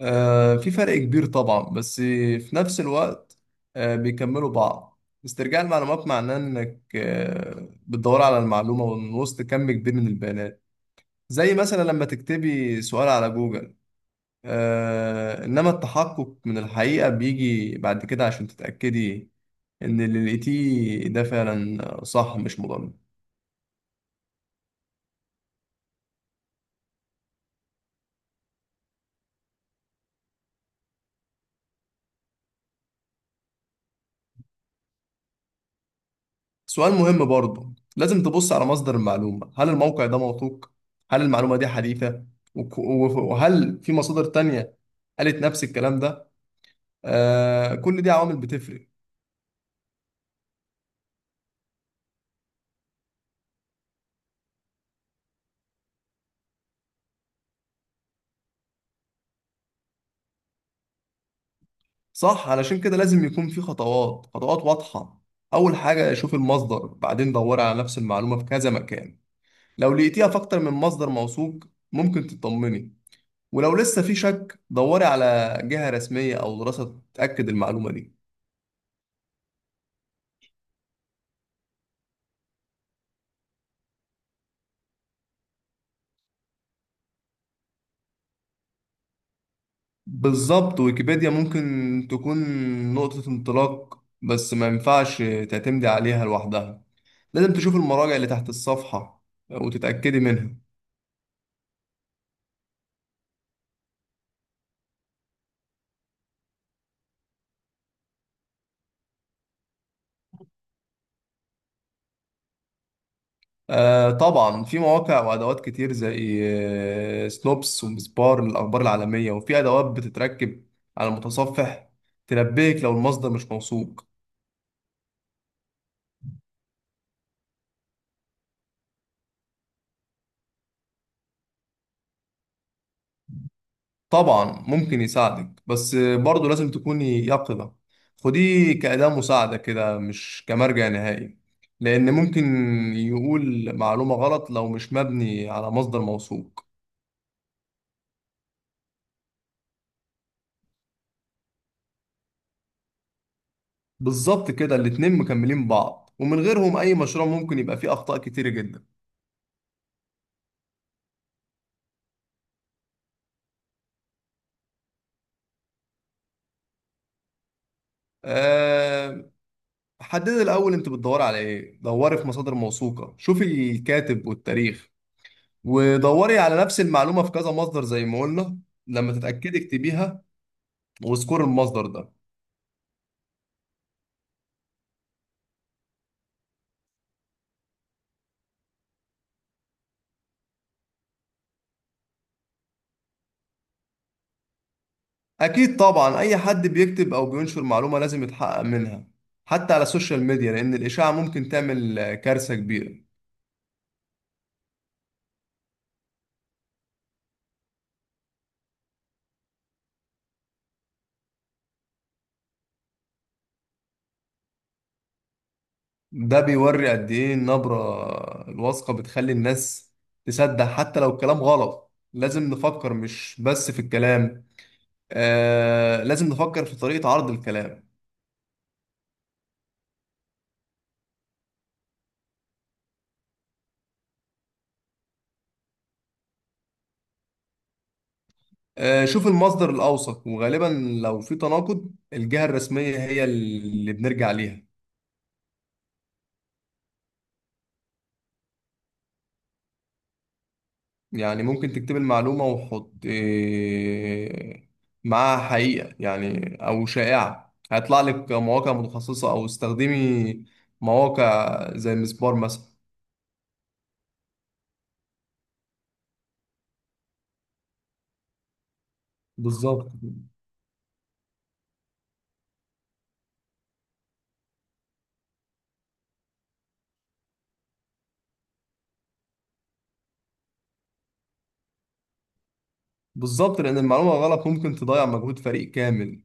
في فرق كبير طبعا، بس في نفس الوقت بيكملوا بعض. استرجاع المعلومات معناه انك بتدور على المعلومة من وسط كم كبير من البيانات، زي مثلا لما تكتبي سؤال على جوجل. انما التحقق من الحقيقة بيجي بعد كده عشان تتأكدي ان اللي لقيتيه ده فعلا صح، مش مضمون. سؤال مهم برضه، لازم تبص على مصدر المعلومة. هل الموقع ده موثوق؟ هل المعلومة دي حديثة؟ وهل في مصادر تانية قالت نفس الكلام ده؟ آه، كل دي عوامل بتفرق. صح، علشان كده لازم يكون في خطوات واضحة. أول حاجة شوف المصدر، بعدين دور على نفس المعلومة في كذا مكان. لو لقيتيها في أكتر من مصدر موثوق، ممكن تطمني. ولو لسه في شك، دوري على جهة رسمية أو دراسة تأكد المعلومة دي. بالظبط، ويكيبيديا ممكن تكون نقطة انطلاق، بس ما ينفعش تعتمدي عليها لوحدها. لازم تشوف المراجع اللي تحت الصفحة وتتأكدي منها. آه طبعا، في مواقع وأدوات كتير، زي سنوبس ومسبار للأخبار العالمية، وفي أدوات بتتركب على المتصفح تنبهك لو المصدر مش موثوق. طبعا ممكن يساعدك، بس برضه لازم تكوني يقظة. خديه كأداة مساعدة كده، مش كمرجع نهائي، لأن ممكن يقول معلومة غلط لو مش مبني على مصدر موثوق. بالظبط كده، الاتنين مكملين بعض، ومن غيرهم أي مشروع ممكن يبقى فيه أخطاء كتير جدا. أه، حددي الأول أنت بتدوري على إيه، دوري في مصادر موثوقة، شوفي الكاتب والتاريخ، ودوري على نفس المعلومة في كذا مصدر زي ما قلنا. لما تتأكدي اكتبيها وذكور المصدر ده. اكيد طبعا، اي حد بيكتب او بينشر معلومة لازم يتحقق منها، حتى على السوشيال ميديا، لان الاشاعة ممكن تعمل كارثة كبيرة. ده بيوري قد ايه النبرة الواثقة بتخلي الناس تصدق حتى لو الكلام غلط. لازم نفكر مش بس في الكلام، آه، لازم نفكر في طريقة عرض الكلام. آه، شوف المصدر الأوثق، وغالبا لو في تناقض الجهة الرسمية هي اللي بنرجع ليها. يعني ممكن تكتب المعلومة وحط معاها حقيقة يعني أو شائعة، هيطلع لك مواقع متخصصة، أو استخدمي مواقع زي مسبار مثلا. بالظبط. بالظبط، لأن المعلومة غلط ممكن تضيع مجهود فريق كامل.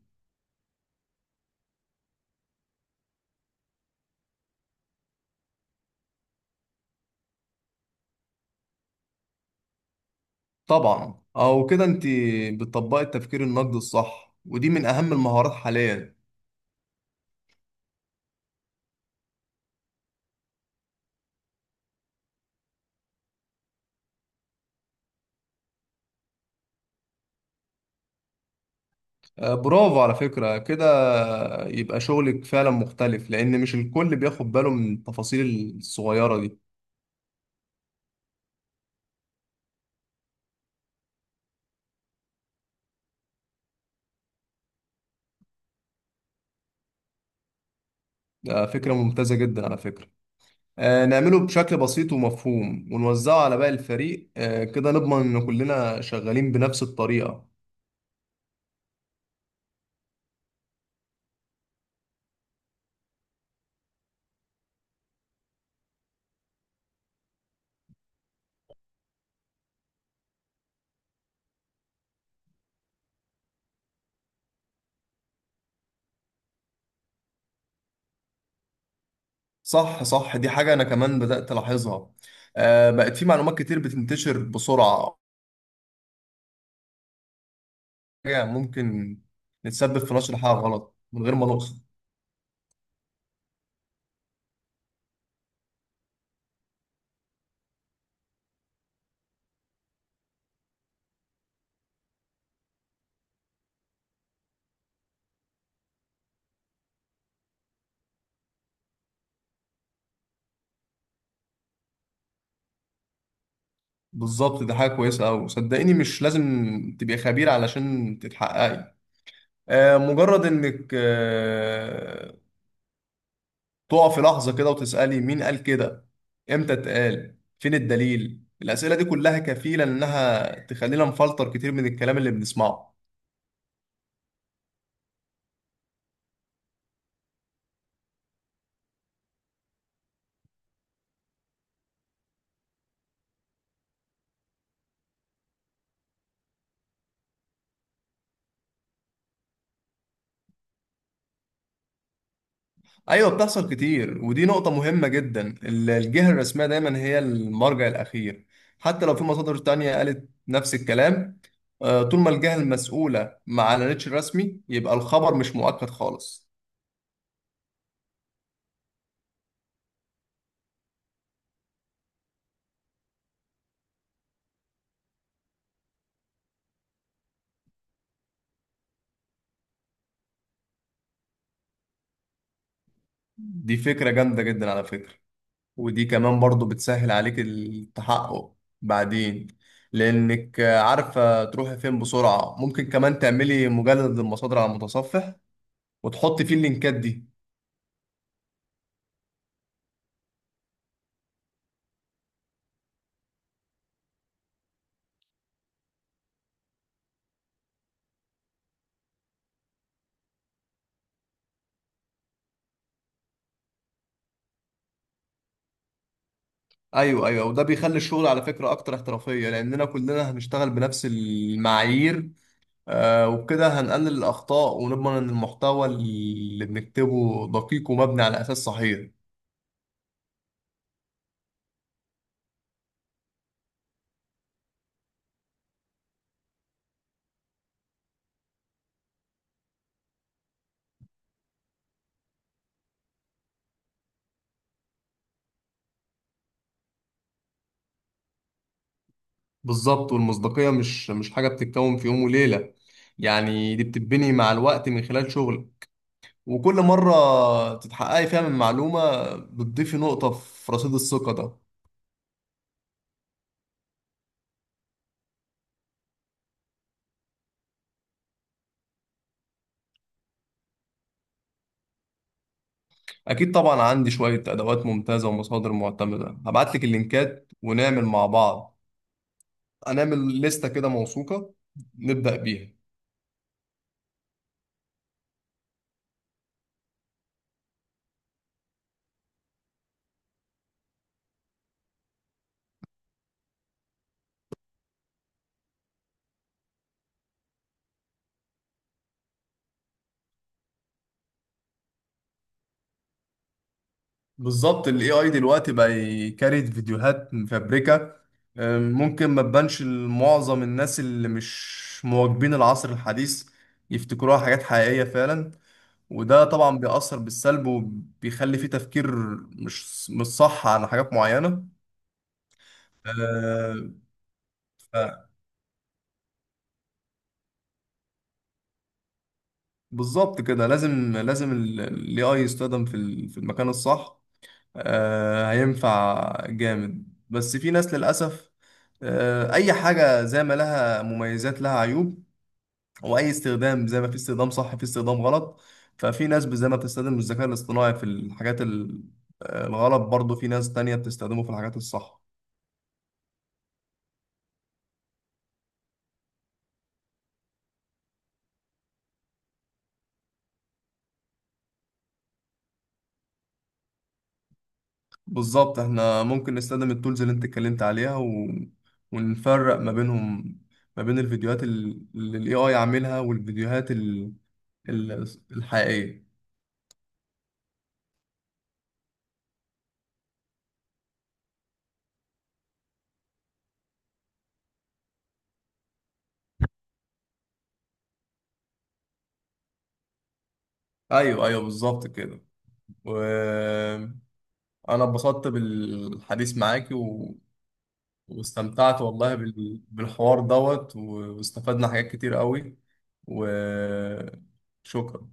طبعا، أو كده أنت بتطبقي التفكير النقدي الصح، ودي من أهم المهارات حاليا. برافو على فكرة كده، يبقى شغلك فعلا مختلف، لأن مش الكل بياخد باله من التفاصيل الصغيرة دي. ده فكرة ممتازة جدا على فكرة. آه، نعمله بشكل بسيط ومفهوم ونوزعه على باقي الفريق، آه كده نضمن إن كلنا شغالين بنفس الطريقة. صح، صح، دي حاجة أنا كمان بدأت ألاحظها. آه، بقت في معلومات كتير بتنتشر بسرعة. حاجة ممكن نتسبب في نشر حاجة غلط من غير ما نقصد. بالظبط، دي حاجة كويسة أوي. صدقيني مش لازم تبقي خبير علشان تتحققي. مجرد انك تقف في لحظة كده وتسألي مين قال كده، امتى اتقال، فين الدليل. الأسئلة دي كلها كفيلة إنها تخلينا نفلتر كتير من الكلام اللي بنسمعه. أيوة، بتحصل كتير، ودي نقطة مهمة جدا. الجهة الرسمية دايما هي المرجع الأخير، حتى لو في مصادر تانية قالت نفس الكلام. طول ما الجهة المسؤولة ما أعلنتش رسمي، يبقى الخبر مش مؤكد خالص. دي فكرة جامدة جدا على فكرة. ودي كمان برضو بتسهل عليك التحقق بعدين، لأنك عارفة تروحي فين بسرعة. ممكن كمان تعملي مجلد للمصادر على المتصفح وتحطي فيه اللينكات دي. أيوة، أيوة، وده بيخلي الشغل على فكرة أكتر احترافية، لأننا كلنا هنشتغل بنفس المعايير. آه، وبكده هنقلل الأخطاء ونضمن إن المحتوى اللي بنكتبه دقيق ومبني على أساس صحيح. بالظبط، والمصداقية مش حاجة بتتكون في يوم وليلة. يعني دي بتتبني مع الوقت من خلال شغل، وكل مرة تتحققي فيها من معلومة بتضيفي نقطة في رصيد الثقة ده. أكيد طبعا، عندي شوية أدوات ممتازة ومصادر معتمدة. هبعتلك اللينكات ونعمل مع بعض. هنعمل لستة كده موثوقة نبدأ بيها. بالظبط، ال AI دلوقتي بقى يكريت فيديوهات مفبركة. ممكن ما تبانش لمعظم الناس اللي مش مواكبين العصر الحديث، يفتكروها حاجات حقيقية فعلا. وده طبعا بيأثر بالسلب، وبيخلي فيه تفكير مش صح على حاجات معينة. آه، ف- بالظبط كده، لازم ال AI يستخدم في في المكان الصح. آه، هينفع جامد، بس في ناس للأسف. آه، أي حاجة زي ما لها مميزات لها عيوب، وأي استخدام زي ما في استخدام صح في استخدام غلط. ففي ناس زي ما بتستخدم الذكاء الاصطناعي في آه، الغلط، برضه في ناس تانية بتستخدمه في الحاجات الصح. بالظبط، احنا ممكن نستخدم التولز اللي انت اتكلمت عليها ونفرق ما بينهم، ما بين اللي الاي اي عاملها، والفيديوهات ال... الحقيقية. ايوه، ايوه، بالظبط كده. وانا اتبسطت بالحديث معاكي واستمتعت والله بالحوار دوت واستفدنا حاجات كتير قوي، وشكرا.